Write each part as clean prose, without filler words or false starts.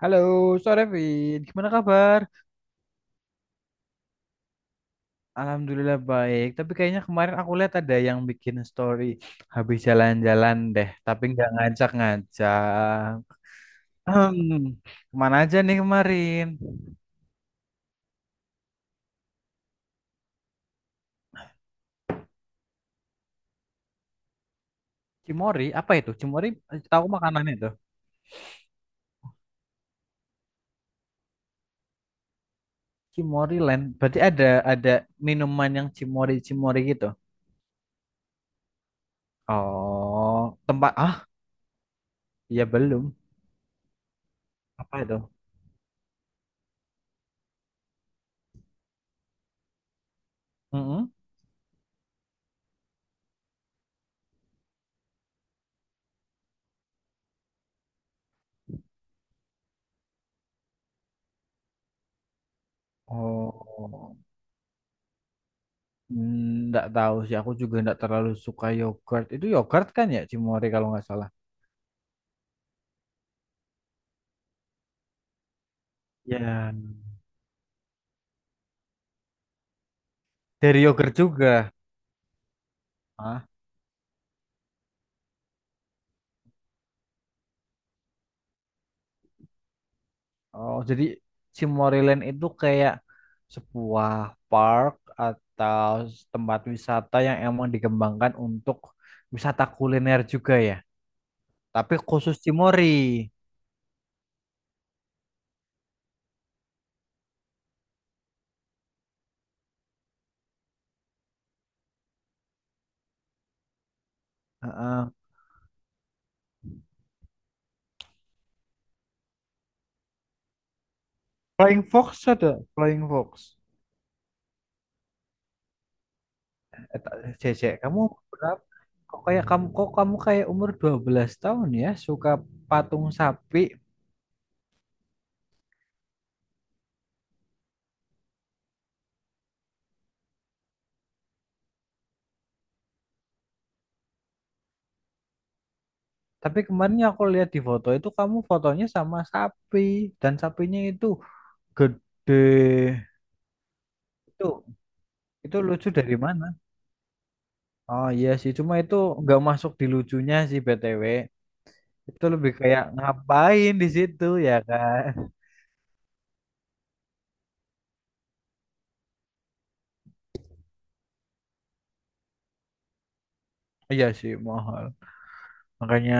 Halo, sore Vin. Gimana kabar? Alhamdulillah baik. Tapi kayaknya kemarin aku lihat ada yang bikin story habis jalan-jalan deh, tapi nggak ngajak-ngajak. Hmm, kemana aja nih kemarin? Cimori, apa itu? Cimori, eh, tahu makanannya itu? Cimori Land. Berarti ada minuman yang Cimori-Cimori gitu. Oh, tempat ya belum. Apa itu? Mm-mm. Oh. Nggak tahu sih, aku juga nggak terlalu suka yogurt. Itu yogurt kan ya, Cimori kalau nggak salah. Ya, dari yogurt juga. Hah? Oh, jadi Cimoryland itu kayak sebuah park atau tempat wisata yang emang dikembangkan untuk wisata kuliner juga ya. Tapi khusus Cimory. Heeh. Flying Fox ada, Flying Fox. Cece, kamu berapa? Kok kamu kayak umur 12 tahun ya suka patung sapi. Tapi kemarin yang aku lihat di foto itu kamu fotonya sama sapi dan sapinya itu gede. Itu itu lucu dari mana? Oh iya sih, cuma itu nggak masuk di lucunya sih BTW. Itu lebih kayak ngapain di situ ya kan? Iya sih mahal. Makanya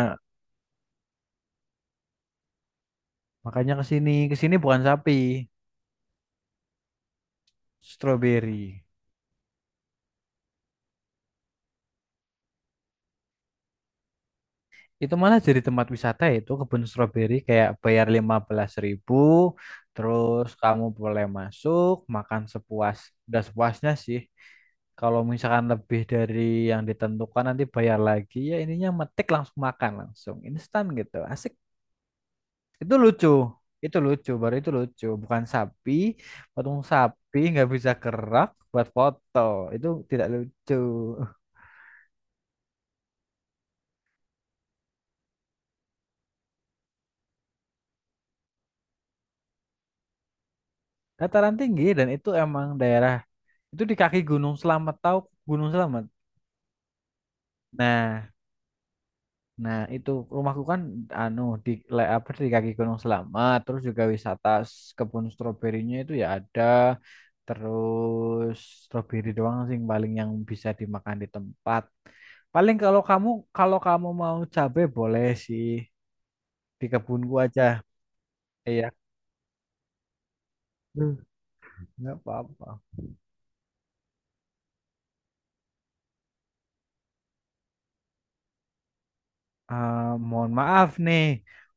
makanya ke sini bukan sapi, stroberi. Itu malah jadi tempat wisata ya, itu kebun stroberi kayak bayar 15 ribu terus kamu boleh masuk makan udah sepuasnya sih. Kalau misalkan lebih dari yang ditentukan nanti bayar lagi ya ininya metik langsung makan langsung instan gitu. Asik. Itu lucu. Itu lucu, baru itu lucu. Bukan sapi, patung sapi nggak bisa gerak buat foto. Itu tidak lucu. Dataran tinggi dan itu emang daerah itu di kaki Gunung Selamat, tahu Gunung Selamat. Nah, nah, itu rumahku kan anu di le- apa di kaki Gunung Selamat, terus juga wisata kebun stroberinya itu ya ada. Terus stroberi doang sih yang paling yang bisa dimakan di tempat. Paling kalau kamu mau cabe boleh sih di kebunku aja. Iya, Hmm, nggak apa-apa. Ah, mohon maaf nih,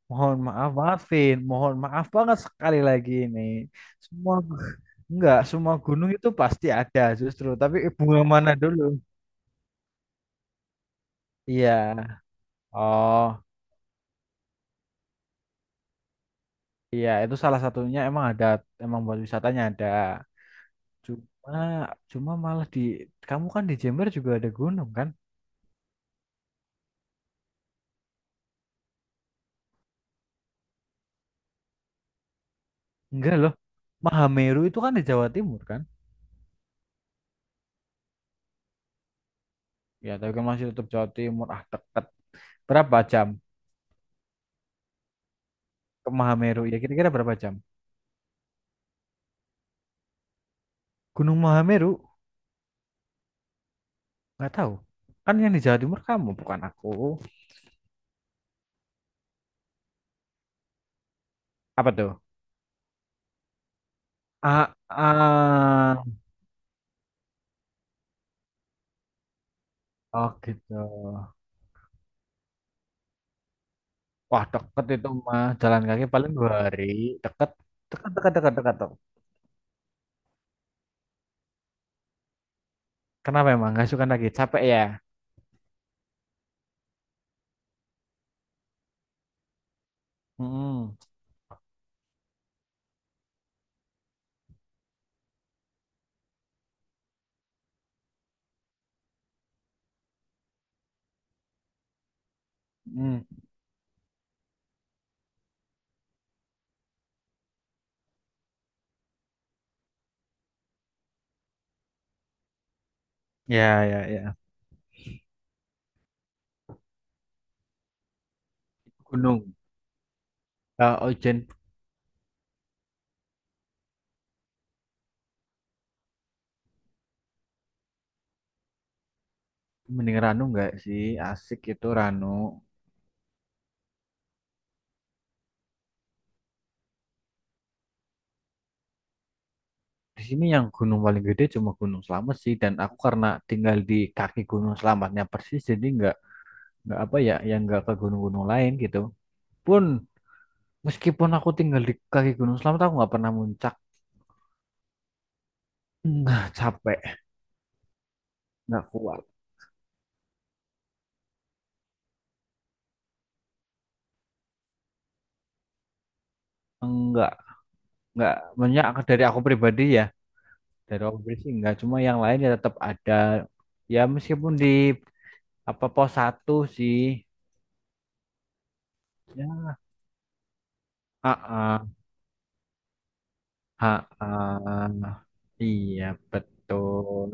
mohon maaf maafin mohon maaf banget sekali lagi ini. Semua enggak, semua gunung itu pasti ada justru, tapi bunga mana dulu? Iya. Oh, iya itu salah satunya emang ada, emang buat wisatanya ada. Cuma cuma malah kamu kan di Jember juga ada gunung kan? Enggak loh. Mahameru itu kan di Jawa Timur kan? Ya, tapi kan masih tetap Jawa Timur. Ah, deket. Berapa jam ke Mahameru? Ya kira-kira berapa jam? Gunung Mahameru nggak tahu. Kan yang di Jawa Timur kamu bukan aku. Apa tuh? Ah, ah, oh gitu. Wah deket itu mah jalan kaki paling 2 hari. Deket, deket, deket, deket, deket. Deket. Kenapa emang nggak suka lagi? Capek ya? Hmm, hmm. Ya, ya, ya. Gunung. Eh, Ojen mending Ranu nggak sih? Asik itu Ranu. Di sini yang gunung paling gede cuma Gunung Slamet sih. Dan aku karena tinggal di kaki Gunung Slametnya persis, jadi nggak apa ya yang nggak ke gunung-gunung lain gitu pun, meskipun aku tinggal di kaki Gunung Selamat aku nggak pernah muncak, nggak capek, nggak kuat, enggak, nggak banyak. Dari aku pribadi ya, dari aku pribadi sih nggak, cuma yang lain ya tetap ada, ya meskipun di apa pos satu sih, ya. Ah ah, ah, ah. iya betul.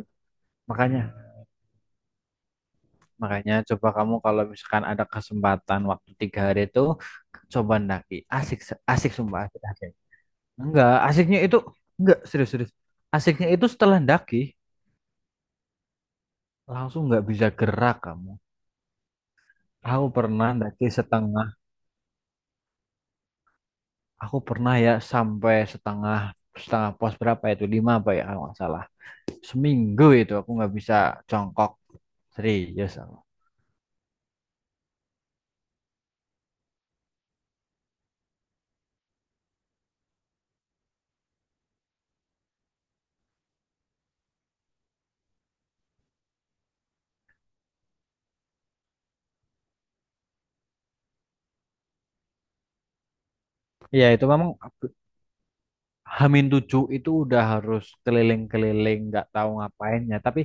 Makanya Makanya coba kamu kalau misalkan ada kesempatan waktu 3 hari itu coba ndaki. Asik, asik sumpah asik, asik. Enggak, asiknya itu enggak serius-serius. Asiknya itu setelah ndaki langsung nggak bisa gerak kamu. Aku pernah ndaki setengah, aku pernah ya sampai setengah setengah pos berapa itu lima apa ya kalau nggak salah. Seminggu itu aku nggak bisa jongkok, serius aku. Iya itu memang Hamin tujuh itu udah harus keliling-keliling nggak tahu ngapainnya, tapi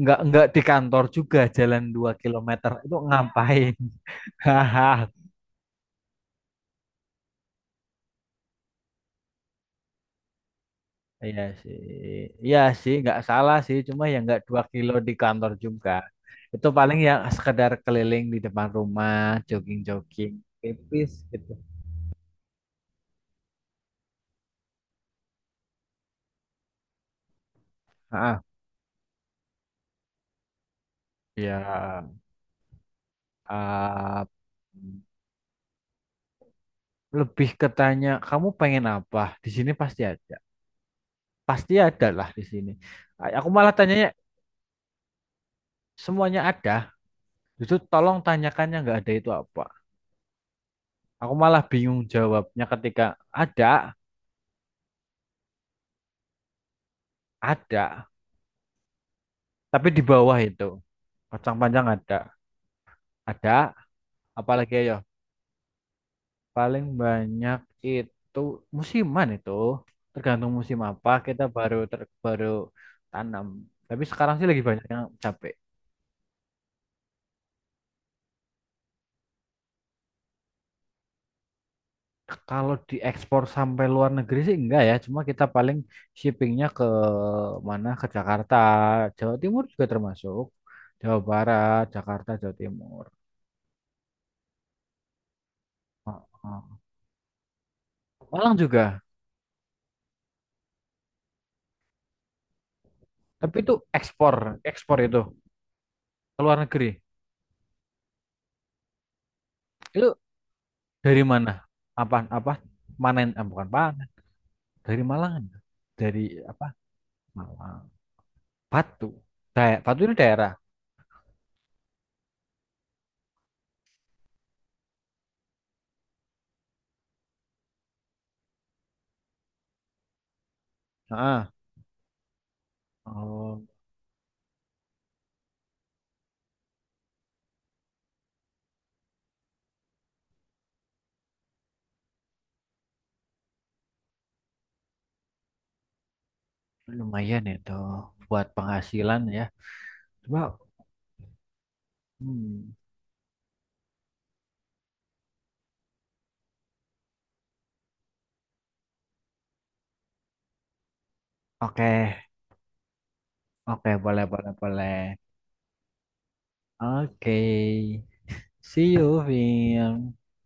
nggak di kantor juga jalan 2 kilometer itu ngapain. Hahaha. iya sih iya sih nggak salah sih, cuma ya nggak 2 kilo di kantor juga, itu paling ya sekedar keliling di depan rumah jogging-jogging tipis gitu. Ah ya ah, lebih ketanya kamu pengen apa di sini pasti ada, pasti ada lah di sini. Aku malah tanyanya, semuanya ada. Itu tolong tanyakannya nggak ada itu apa. Aku malah bingung jawabnya ketika ada, ada. Tapi di bawah itu. Kacang panjang ada. Ada. Apalagi ya. Paling banyak itu musiman itu. Tergantung musim apa kita baru baru tanam. Tapi sekarang sih lagi banyak yang cabe. Kalau diekspor sampai luar negeri sih enggak ya, cuma kita paling shippingnya ke mana? Ke Jakarta, Jawa Timur juga termasuk, Jawa Barat, Jakarta, Jawa Timur. Heeh. Malang juga. Tapi itu ekspor, ekspor itu ke luar negeri. Itu dari mana? Apa apa? Panen, bukan panen, dari Malang. Dari apa? Malang. Batu. Daerah. Batu ini daerah. Heeh. Oh, lumayan itu buat penghasilan ya. Coba hmm. Oke, oke, boleh, boleh, boleh. Oke, see you, Vin.